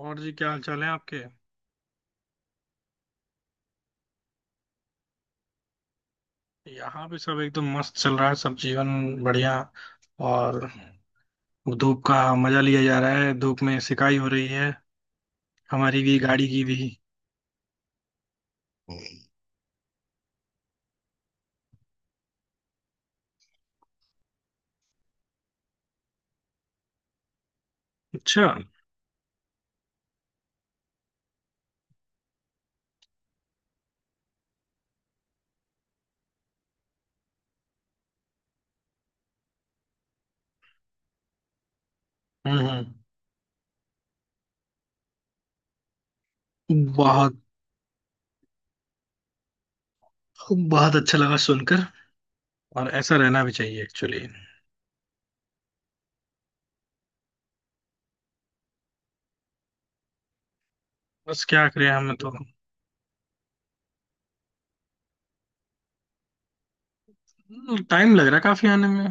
और जी, क्या हाल चाल है आपके। यहाँ भी सब एकदम मस्त चल रहा है, सब जीवन बढ़िया। और धूप का मजा लिया जा रहा है, धूप में सिकाई हो रही है, हमारी भी, गाड़ी की भी। अच्छा। हम्म हम्म। बहुत बहुत अच्छा लगा सुनकर। और ऐसा रहना भी चाहिए एक्चुअली। बस क्या करें हमें तो। टाइम लग रहा है काफी आने में।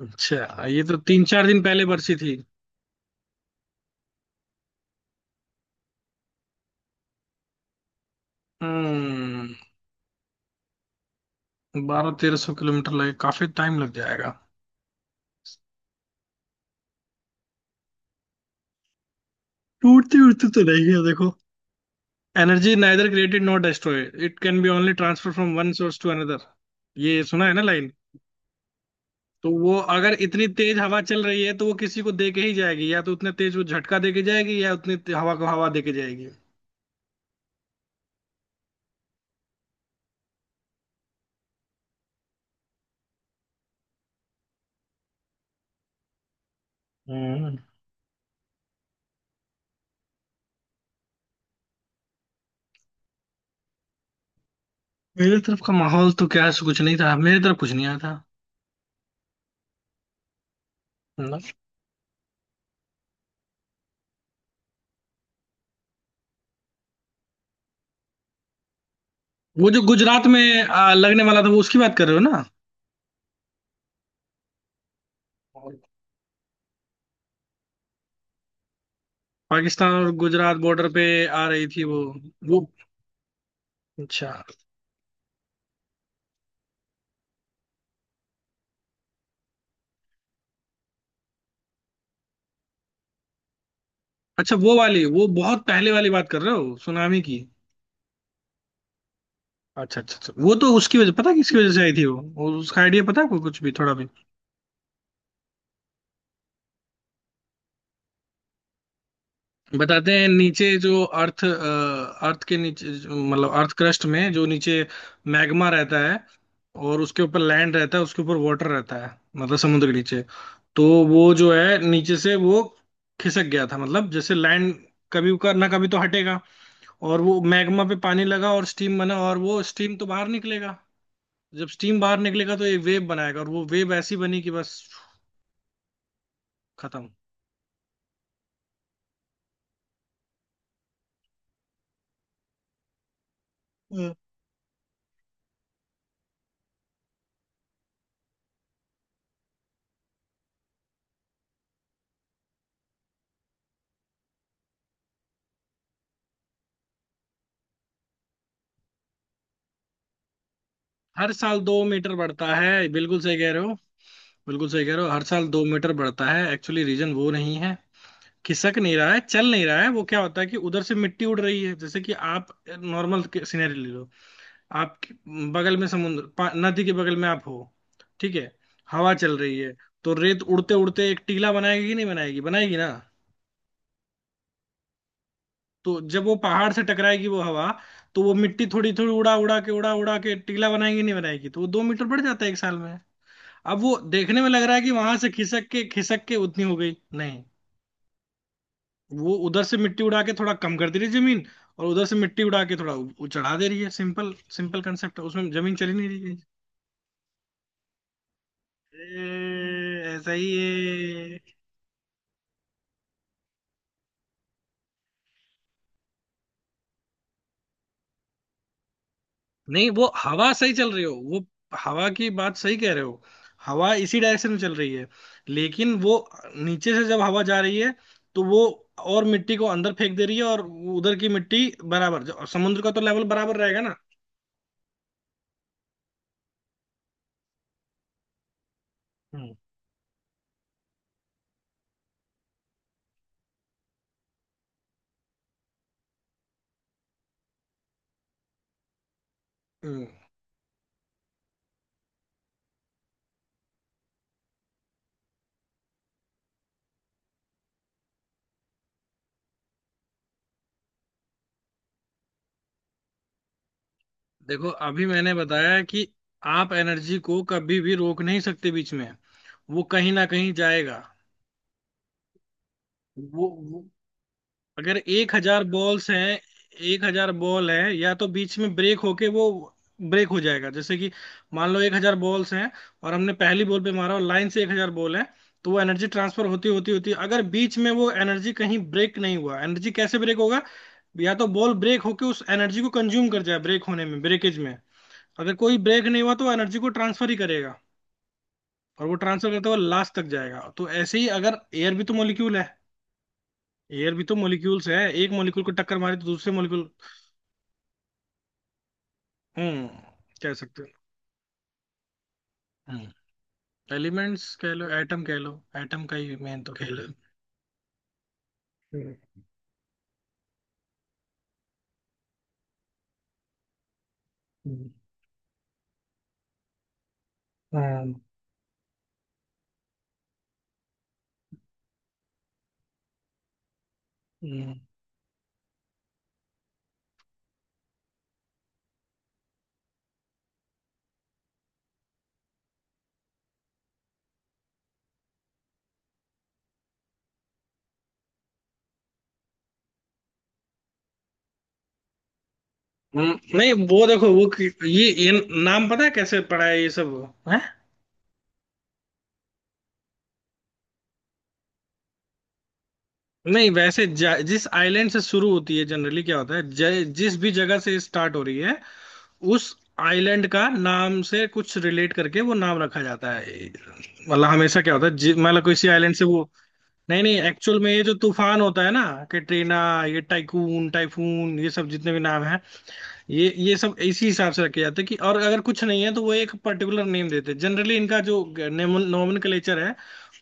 अच्छा, ये तो तीन चार दिन पहले बरसी थी। हम्म 1200-1300 किलोमीटर लगे, काफी टाइम लग जाएगा। टूटती उड़ती तो नहीं है देखो। Energy neither created not destroyed, it can be only transfer from one source to another. ये सुना है ना लाइन। तो वो अगर इतनी तेज हवा चल रही है, तो वो किसी को दे के ही जाएगी। या तो उतने तेज वो झटका दे के जाएगी, या उतनी हवा को हवा दे के जाएगी। हम्म मेरी तरफ का माहौल तो क्या है, कुछ नहीं था। मेरी तरफ कुछ नहीं आया था। ना। वो जो गुजरात में लगने वाला था, वो उसकी बात कर रहे हो ना। पाकिस्तान और गुजरात बॉर्डर पे आ रही थी वो। वो अच्छा। अच्छा वो वाली, वो बहुत पहले वाली बात कर रहे हो सुनामी की। अच्छा अच्छा अच्छा, वो तो उसकी वजह पता है, किसकी वजह से आई थी वो? वो उसका आइडिया पता है आपको कुछ भी, थोड़ा भी? बताते हैं, नीचे जो अर्थ के नीचे मतलब अर्थ क्रस्ट में जो नीचे मैग्मा रहता है, और उसके ऊपर लैंड रहता है, उसके ऊपर वाटर रहता है, मतलब समुद्र के नीचे। तो वो जो है नीचे से, वो खिसक गया था। मतलब जैसे लैंड, कभी का ना कभी तो हटेगा। और वो मैग्मा पे पानी लगा और स्टीम बना, और वो स्टीम तो बाहर निकलेगा। जब स्टीम बाहर निकलेगा तो ये वेव बनाएगा, और वो वेव ऐसी बनी कि बस, खत्म। हम्म, हर साल 2 मीटर बढ़ता है, बिल्कुल सही कह रहे हो। बिल्कुल सही कह रहे हो, हर साल दो मीटर बढ़ता है, एक्चुअली रीजन वो नहीं है। खिसक नहीं रहा है, चल नहीं रहा है वो। क्या होता है कि उधर से मिट्टी उड़ रही है। जैसे कि आप नॉर्मल सिनेरियो ले लो। आप बगल में नदी के बगल में आप हो, ठीक है, हवा चल रही है। तो रेत उड़ते उड़ते एक टीला बनाएगी कि नहीं बनाएगी? बनाएगी ना। तो जब वो पहाड़ से टकराएगी वो हवा, तो वो मिट्टी थोड़ी थोड़ी उड़ा उड़ा के, उड़ा उड़ा के टीला बनाएगी नहीं बनाएगी? तो वो 2 मीटर बढ़ जाता है एक साल में। अब वो देखने में लग रहा है कि वहां से खिसक के उतनी हो गई, नहीं। वो उधर से मिट्टी उड़ा के थोड़ा कम कर दे रही है जमीन, और उधर से मिट्टी उड़ा के थोड़ा चढ़ा दे रही है। सिंपल सिंपल कंसेप्ट है उसमें, जमीन चली नहीं रही है। ऐसा ही है। नहीं, वो हवा सही चल रही हो, वो हवा की बात सही कह रहे हो। हवा इसी डायरेक्शन में चल रही है, लेकिन वो नीचे से जब हवा जा रही है, तो वो और मिट्टी को अंदर फेंक दे रही है। और उधर की मिट्टी बराबर, जो समुद्र का तो लेवल बराबर रहेगा ना। हम्म हम्म। देखो, अभी मैंने बताया कि आप एनर्जी को कभी भी रोक नहीं सकते बीच में। वो कहीं ना कहीं जाएगा। वो अगर 1,000 बॉल्स हैं, 1,000 बॉल है, या तो बीच में ब्रेक होके वो ब्रेक हो जाएगा। जैसे कि मान लो 1,000 बॉल्स हैं, और हमने पहली बॉल पे मारा, और लाइन से 1,000 बॉल है। तो वो एनर्जी ट्रांसफर होती होती होती, अगर बीच में वो एनर्जी कहीं ब्रेक नहीं हुआ, एनर्जी कैसे ब्रेक होगा? या तो बॉल ब्रेक होके उस एनर्जी को कंज्यूम कर जाए ब्रेक होने में, ब्रेकेज में। अगर कोई ब्रेक नहीं हुआ तो एनर्जी को ट्रांसफर ही करेगा। और वो ट्रांसफर करते हुए लास्ट तक जाएगा। तो ऐसे ही, अगर एयर भी तो मोलिक्यूल है, एयर भी तो मोलिक्यूल्स है। एक मोलिक्यूल को टक्कर मारे तो दूसरे मोलिक्यूल। हम्म कह सकते हो। एलिमेंट्स कह लो, एटम कह लो, एटम का ही मेन तो कह लो। हम्म, हम्म, हम्म, हम्म, नहीं वो देखो वो ये नाम पता है कैसे पढ़ा है ये सब है। नहीं, वैसे जिस आइलैंड से शुरू होती है, जनरली क्या होता है, जिस भी जगह से स्टार्ट हो रही है, उस आइलैंड का नाम से कुछ रिलेट करके वो नाम रखा जाता है। मतलब हमेशा क्या होता है, मतलब किसी आइलैंड से वो, नहीं नहीं, एक्चुअल में ये जो तूफान होता है ना, कैटरीना, ये टाइकून, टाइफून, ये सब जितने भी नाम, ये सब इसी हिसाब से रखे जाते हैं। कि और अगर कुछ नहीं है, तो वो एक पर्टिकुलर नेम देते हैं। जनरली इनका जो नोमेनक्लेचर है,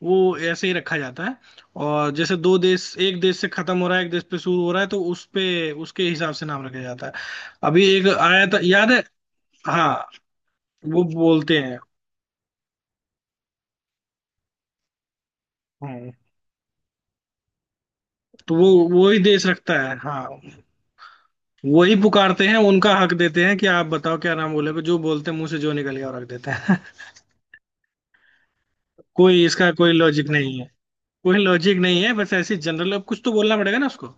वो ऐसे ही रखा जाता है। और जैसे दो देश, एक देश से खत्म हो रहा है, एक देश पे शुरू हो रहा है, तो उस पे उसके हिसाब से नाम रखा जाता है। अभी एक आया था याद है। हाँ, वो बोलते हैं। हम्म, तो वो ही देश रखता है हाँ। वही पुकारते हैं, उनका हक देते हैं कि आप बताओ क्या नाम बोले, जो बोलते हैं, मुंह से जो निकल गया वो रख देते हैं। कोई इसका कोई लॉजिक नहीं है। कोई लॉजिक नहीं है, बस ऐसे जनरल, अब कुछ तो बोलना पड़ेगा ना उसको।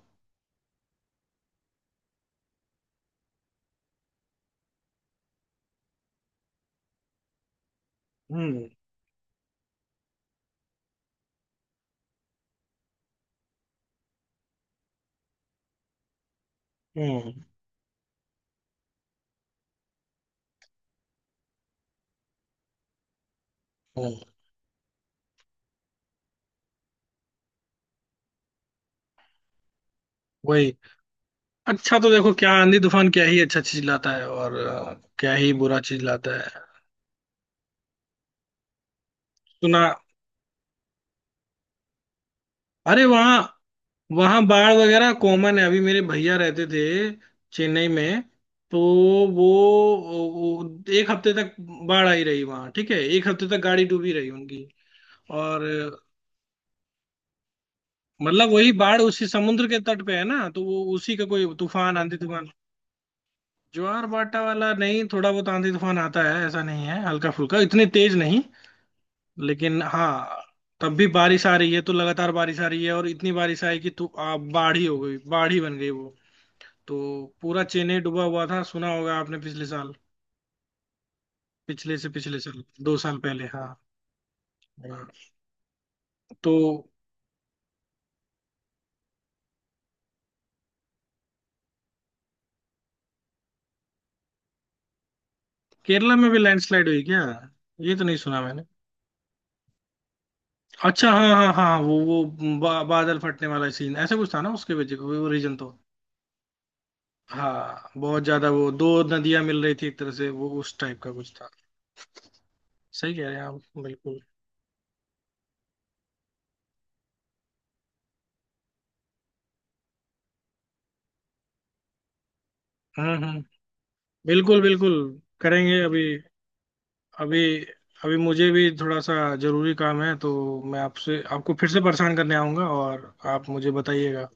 हम्म हम्म हम्म, वही। अच्छा, तो देखो क्या आंधी तूफान क्या ही अच्छा चीज लाता है, और क्या ही बुरा चीज लाता है। सुना, अरे वहाँ, वहाँ बाढ़ वगैरह कॉमन है। अभी मेरे भैया रहते थे चेन्नई में, तो वो एक हफ्ते तक बाढ़ आई रही वहाँ। ठीक है, एक हफ्ते तक गाड़ी डूबी रही उनकी। और मतलब वही बाढ़ उसी समुद्र के तट पे है ना, तो वो उसी का, कोई तूफान, आंधी तूफान, ज्वार बाटा वाला नहीं। थोड़ा बहुत आंधी तूफान आता है, ऐसा नहीं है, हल्का फुल्का, इतनी तेज नहीं। लेकिन हाँ, तब भी बारिश आ रही है, तो लगातार बारिश आ रही है, और इतनी बारिश आई कि बाढ़ ही हो गई, बाढ़ ही बन गई वो। तो पूरा चेन्नई डूबा हुआ था, सुना होगा आपने पिछले साल, पिछले से पिछले साल, 2 साल पहले हाँ। हाँ। तो केरला में भी लैंडस्लाइड हुई क्या? ये तो नहीं सुना मैंने। अच्छा हाँ हाँ हाँ, वो बादल फटने वाला सीन, ऐसा कुछ था ना, उसके वजह वो रीजन तो। हाँ, बहुत ज्यादा, वो दो नदियां मिल रही थी एक तरह से, वो उस टाइप का कुछ था। सही कह रहे हैं आप बिल्कुल। हम्म हम्म बिल्कुल बिल्कुल। करेंगे अभी। अभी अभी मुझे भी थोड़ा सा जरूरी काम है। तो मैं आपसे, आपको फिर से परेशान करने आऊंगा, और आप मुझे बताइएगा।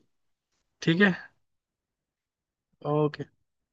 ठीक है। ओके।